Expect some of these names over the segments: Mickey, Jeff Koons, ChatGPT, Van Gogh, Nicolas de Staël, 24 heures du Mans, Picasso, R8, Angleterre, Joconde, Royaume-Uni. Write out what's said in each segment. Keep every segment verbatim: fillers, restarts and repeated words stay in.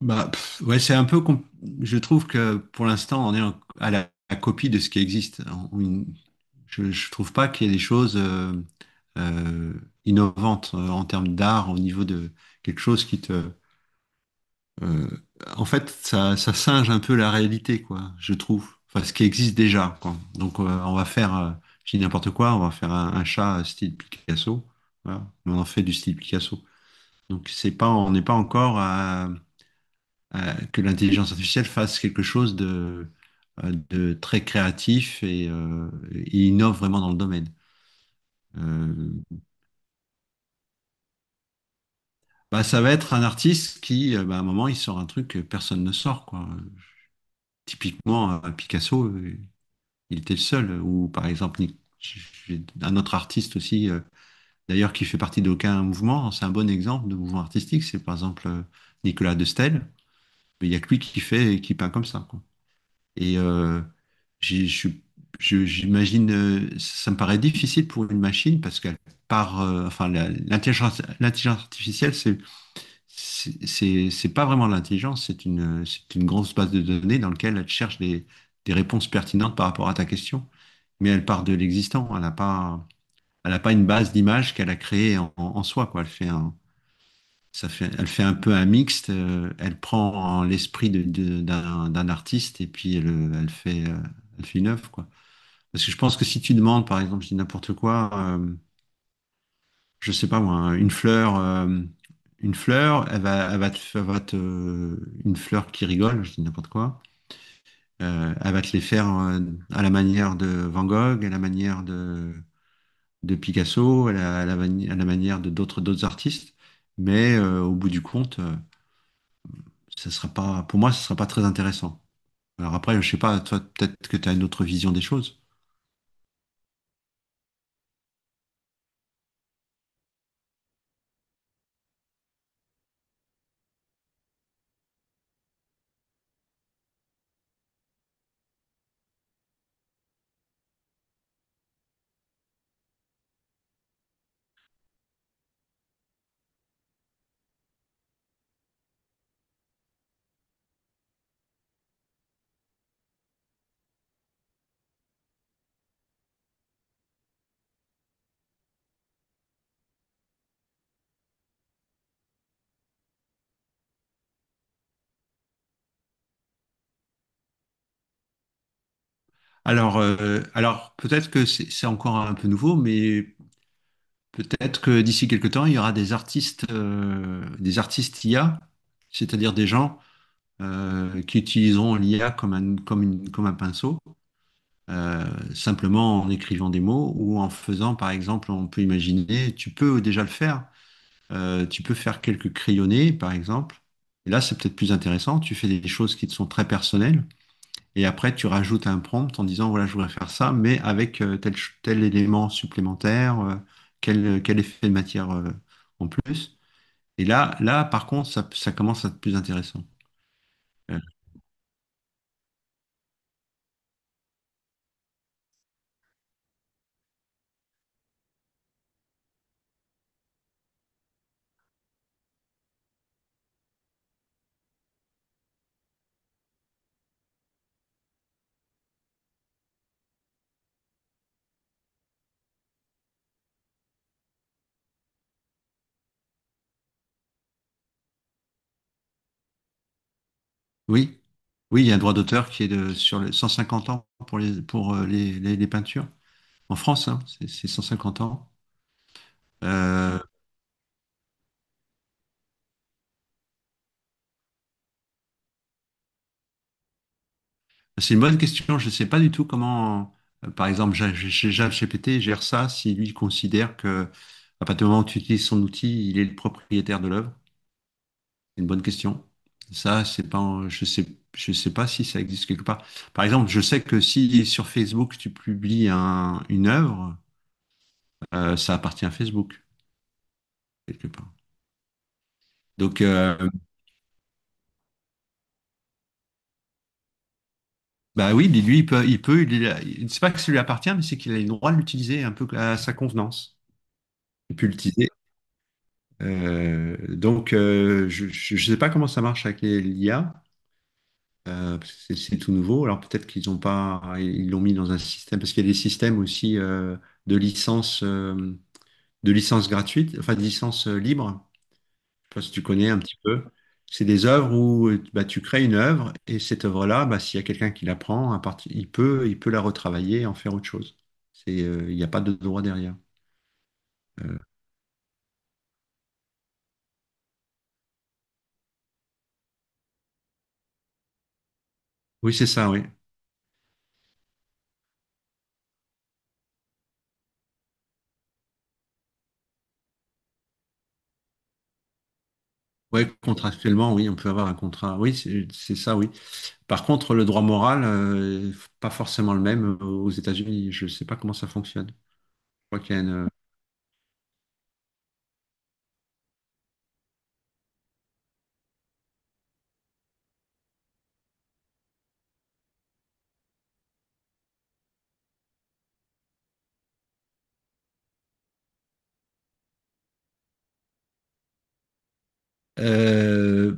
Bah, pff, ouais, c'est un peu. com- Je trouve que pour l'instant, on est en- à la, la copie de ce qui existe. On- on- je, je trouve pas qu'il y ait des choses euh, euh, innovantes euh, en termes d'art, au niveau de quelque chose qui te. euh, En fait, ça, ça singe un peu la réalité, quoi. Je trouve. Enfin, ce qui existe déjà, quoi. Donc, euh, on va faire. Euh, je dis n'importe quoi. On va faire un, un chat style Picasso. Voilà. Mais on en fait du style Picasso. Donc, c'est pas. On n'est pas encore à euh, que l'intelligence artificielle fasse quelque chose de, euh, de très créatif et, euh, et innove vraiment dans le domaine. Euh, Bah, ça va être un artiste qui, euh, bah, à un moment, il sort un truc que personne ne sort, quoi. Typiquement, euh, Picasso, euh, il était le seul. Ou par exemple, Nic- j'ai- un autre artiste aussi, euh, d'ailleurs, qui fait partie d'aucun mouvement. C'est un bon exemple de mouvement artistique. C'est par exemple euh, Nicolas de Staël. Il n'y a que lui qui fait et qui peint comme ça, quoi. Et euh, j'ai- je suis- je- j'imagine, euh, ça me paraît difficile pour une machine parce qu'elle part, euh, enfin, la- l'intelligence, l'intelligence artificielle, c'est, c'est, c'est c'est pas vraiment de l'intelligence, c'est une, c'est une grosse base de données dans laquelle elle cherche des, des réponses pertinentes par rapport à ta question. Mais elle part de l'existant, elle n'a pas, elle n'a pas une base d'image qu'elle a créée en, en soi, quoi. Elle fait un, ça fait, elle fait un peu un mixte. Euh, elle prend l'esprit de- de- d'un d'un artiste et puis elle, elle fait, euh, elle fait une œuvre, quoi. Parce que je pense que si tu demandes, par exemple, je dis n'importe quoi, euh, je sais pas moi, hein, une fleur, euh, une fleur, elle va, elle va te, elle va te- une fleur qui rigole, je dis n'importe quoi. Euh, elle va te les faire euh, à la manière de Van Gogh, à la manière de, de Picasso, à la, à la mani- à la manière de d'autres d'autres artistes. Mais euh, au bout du compte. Euh, ça sera pas, pour moi, ce sera pas très intéressant. Alors après, je sais pas, toi, peut-être que tu as une autre vision des choses. Alors, euh, alors peut-être que c'est c'est encore un peu nouveau, mais peut-être que d'ici quelques temps, il y aura des artistes, euh, des artistes I A, c'est-à-dire des gens euh, qui utiliseront l'I A comme un, comme une- comme un pinceau, euh, simplement en écrivant des mots ou en faisant, par exemple, on peut imaginer, tu peux déjà le faire. Euh, tu peux faire quelques crayonnés, par exemple. Et là, c'est peut-être plus intéressant. Tu fais des choses qui te sont très personnelles. Et après, tu rajoutes un prompt en disant, voilà, je voudrais faire ça, mais avec euh, tel, ch- tel élément supplémentaire, euh, quel, quel effet de matière euh, en plus. Et là, là, par contre, ça, ça commence à être plus intéressant. Euh, oui, oui, il y a un droit d'auteur qui est de, sur les cent cinquante ans pour les, pour euh, les, les- les peintures. En France, hein, c'est c'est cent cinquante ans. Euh, C'est une bonne question. Je ne sais pas du tout comment, euh, par exemple, Ja- Ja- Ja- ChatGPT gère ça si lui considère que à partir du moment où tu utilises son outil, il est le propriétaire de l'œuvre. C'est une bonne question. Ça, c'est pas, en- je sais, je sais pas si ça existe quelque part. Par exemple, je sais que si sur Facebook tu publies un- une œuvre, euh, ça appartient à Facebook quelque part. Donc, euh, bah oui, lui, il peut, il peut, il, il- c'est pas que ça lui appartient, mais c'est qu'il a le droit de l'utiliser un peu à sa convenance. Il peut l'utiliser. Euh, donc, euh, je ne sais pas comment ça marche avec les- l'I A, euh, parce que c'est c'est tout nouveau. Alors peut-être qu'ils ont pas, ils l'ont mis dans un système, parce qu'il y a des systèmes aussi euh, de licence, euh, de licence gratuite, enfin de licence euh, libre. Je sais pas si tu connais un petit peu. C'est des œuvres où euh, bah, tu crées une œuvre et cette œuvre-là, bah, s'il y a quelqu'un qui la prend, à partir, il peut, il peut la retravailler et en faire autre chose. C'est, euh, il n'y a pas de droit derrière. Euh, oui, c'est ça, oui. Oui, contractuellement, oui, on peut avoir un contrat. Oui, c'est c'est ça, oui. Par contre, le droit moral, euh, pas forcément le même aux États-Unis. Je ne sais pas comment ça fonctionne. Je crois qu'il y a une- Euh,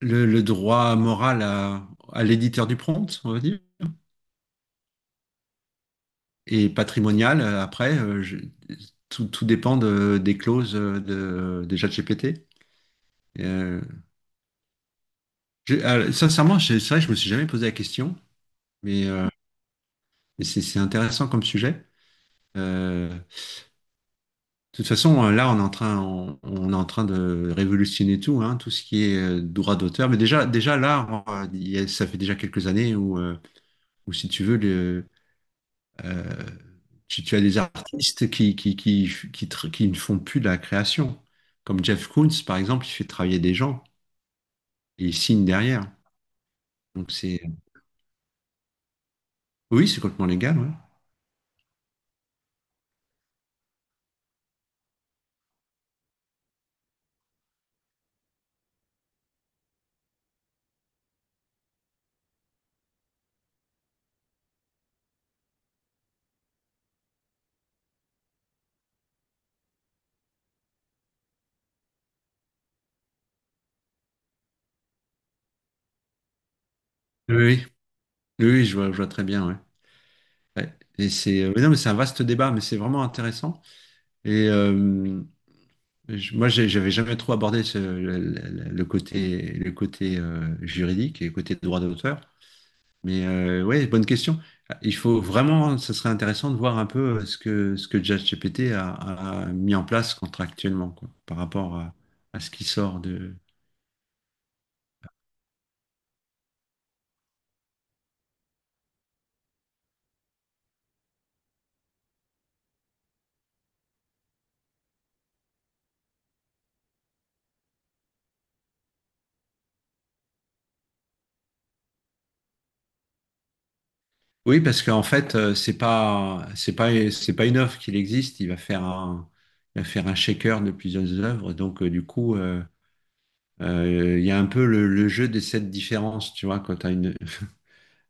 le, le droit moral à, à l'éditeur du prompt, on va dire, et patrimonial, euh, après, euh, je- tout, tout dépend de- des clauses euh, de, de ChatGPT. Euh, je- euh, Sincèrement, je- c'est vrai que je me suis jamais posé la question, mais, euh, mais c'est c'est intéressant comme sujet. Euh, De toute façon, euh, là, on est en train, on, on est en train de révolutionner tout, hein, tout ce qui est euh, droit d'auteur. Mais déjà, déjà là, on- il y a- ça fait déjà quelques années où, euh, où si tu veux, le, euh, tu, tu as des artistes qui, qui, qui, qui, tr- qui ne font plus de la création. Comme Jeff Koons, par exemple, il fait travailler des gens et il signe derrière. Donc c'est, euh, oui, c'est complètement légal, ouais. Oui, oui. Oui, oui, je vois, je vois très bien, ouais. Ouais. Et c'est, euh, mais non, mais c'est un vaste débat, mais c'est vraiment intéressant. Et, euh, Je- moi, j'ai- j'avais jamais trop abordé ce- le, le- le côté, le côté euh, juridique et le côté droit d'auteur. Mais euh, ouais, bonne question. Il faut vraiment, ce serait intéressant de voir un peu euh, ce que ce que ChatGPT a, a mis en place contractuellement, quoi, par rapport à, à ce qui sort de. Oui, parce qu'en fait, euh, c'est pas c'est pas c'est pas une œuvre qu'il existe. Il va faire un il va faire un shaker de plusieurs œuvres. Donc euh, du coup, euh, euh, il y a un peu le, le jeu des sept différences, tu vois, quand t'as une.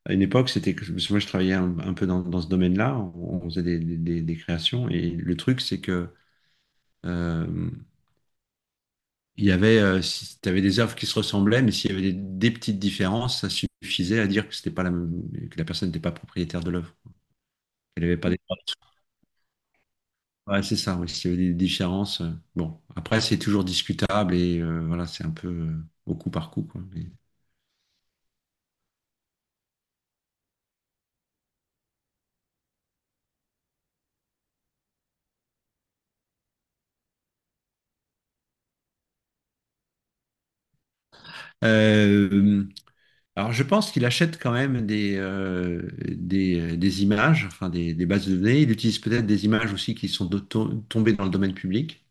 À une époque, c'était que parce que moi je travaillais un, un peu dans, dans ce domaine-là, on, on faisait des, des- des- des créations et le truc c'est que euh, il y avait euh, si tu avais des œuvres qui se ressemblaient, mais s'il y avait des, des petites différences, ça suffisait à dire que c'était pas la même- que la personne n'était pas propriétaire de l'œuvre, qu'elle n'avait pas des droits dessus. Ouais, c'est ça, oui, s'il y avait des différences. Euh, bon, après c'est toujours discutable et euh, voilà, c'est un peu euh, au coup par coup, quoi. Mais- Euh, Alors, je pense qu'il achète quand même des, euh, des, euh, des images, enfin des, des bases de données. Il utilise peut-être des images aussi qui sont de- to- tombées dans le domaine public.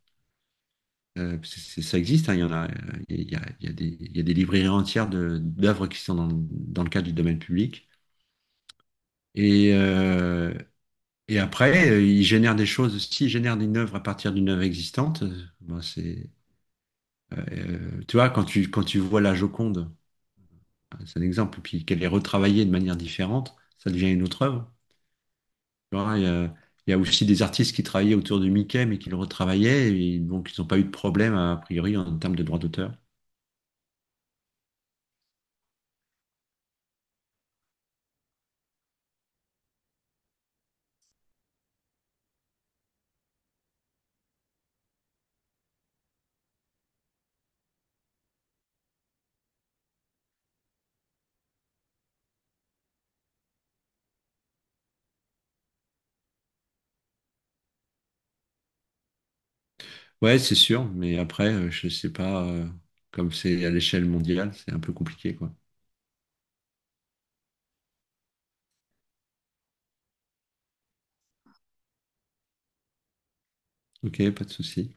Euh, parce que c'est- ça existe, hein, il y en a, euh, il y a, il y a des, il y a des librairies entières de- d'œuvres qui sont dans, dans le cadre du domaine public. Et, euh, et après, euh, il génère des choses. S'il génère une œuvre à partir d'une œuvre existante, euh, bon, c'est, euh, euh, tu vois, quand tu, quand tu vois la Joconde, hein, c'est un exemple, puis qu'elle est retravaillée de manière différente, ça devient une autre œuvre. Tu vois, il y a, il y a aussi des artistes qui travaillaient autour de Mickey, mais qui le retravaillaient, et donc ils n'ont pas eu de problème, a priori, en termes de droits d'auteur. Ouais, c'est sûr, mais après, euh, je sais pas, euh, comme c'est à l'échelle mondiale, c'est un peu compliqué, quoi. Ok, pas de souci.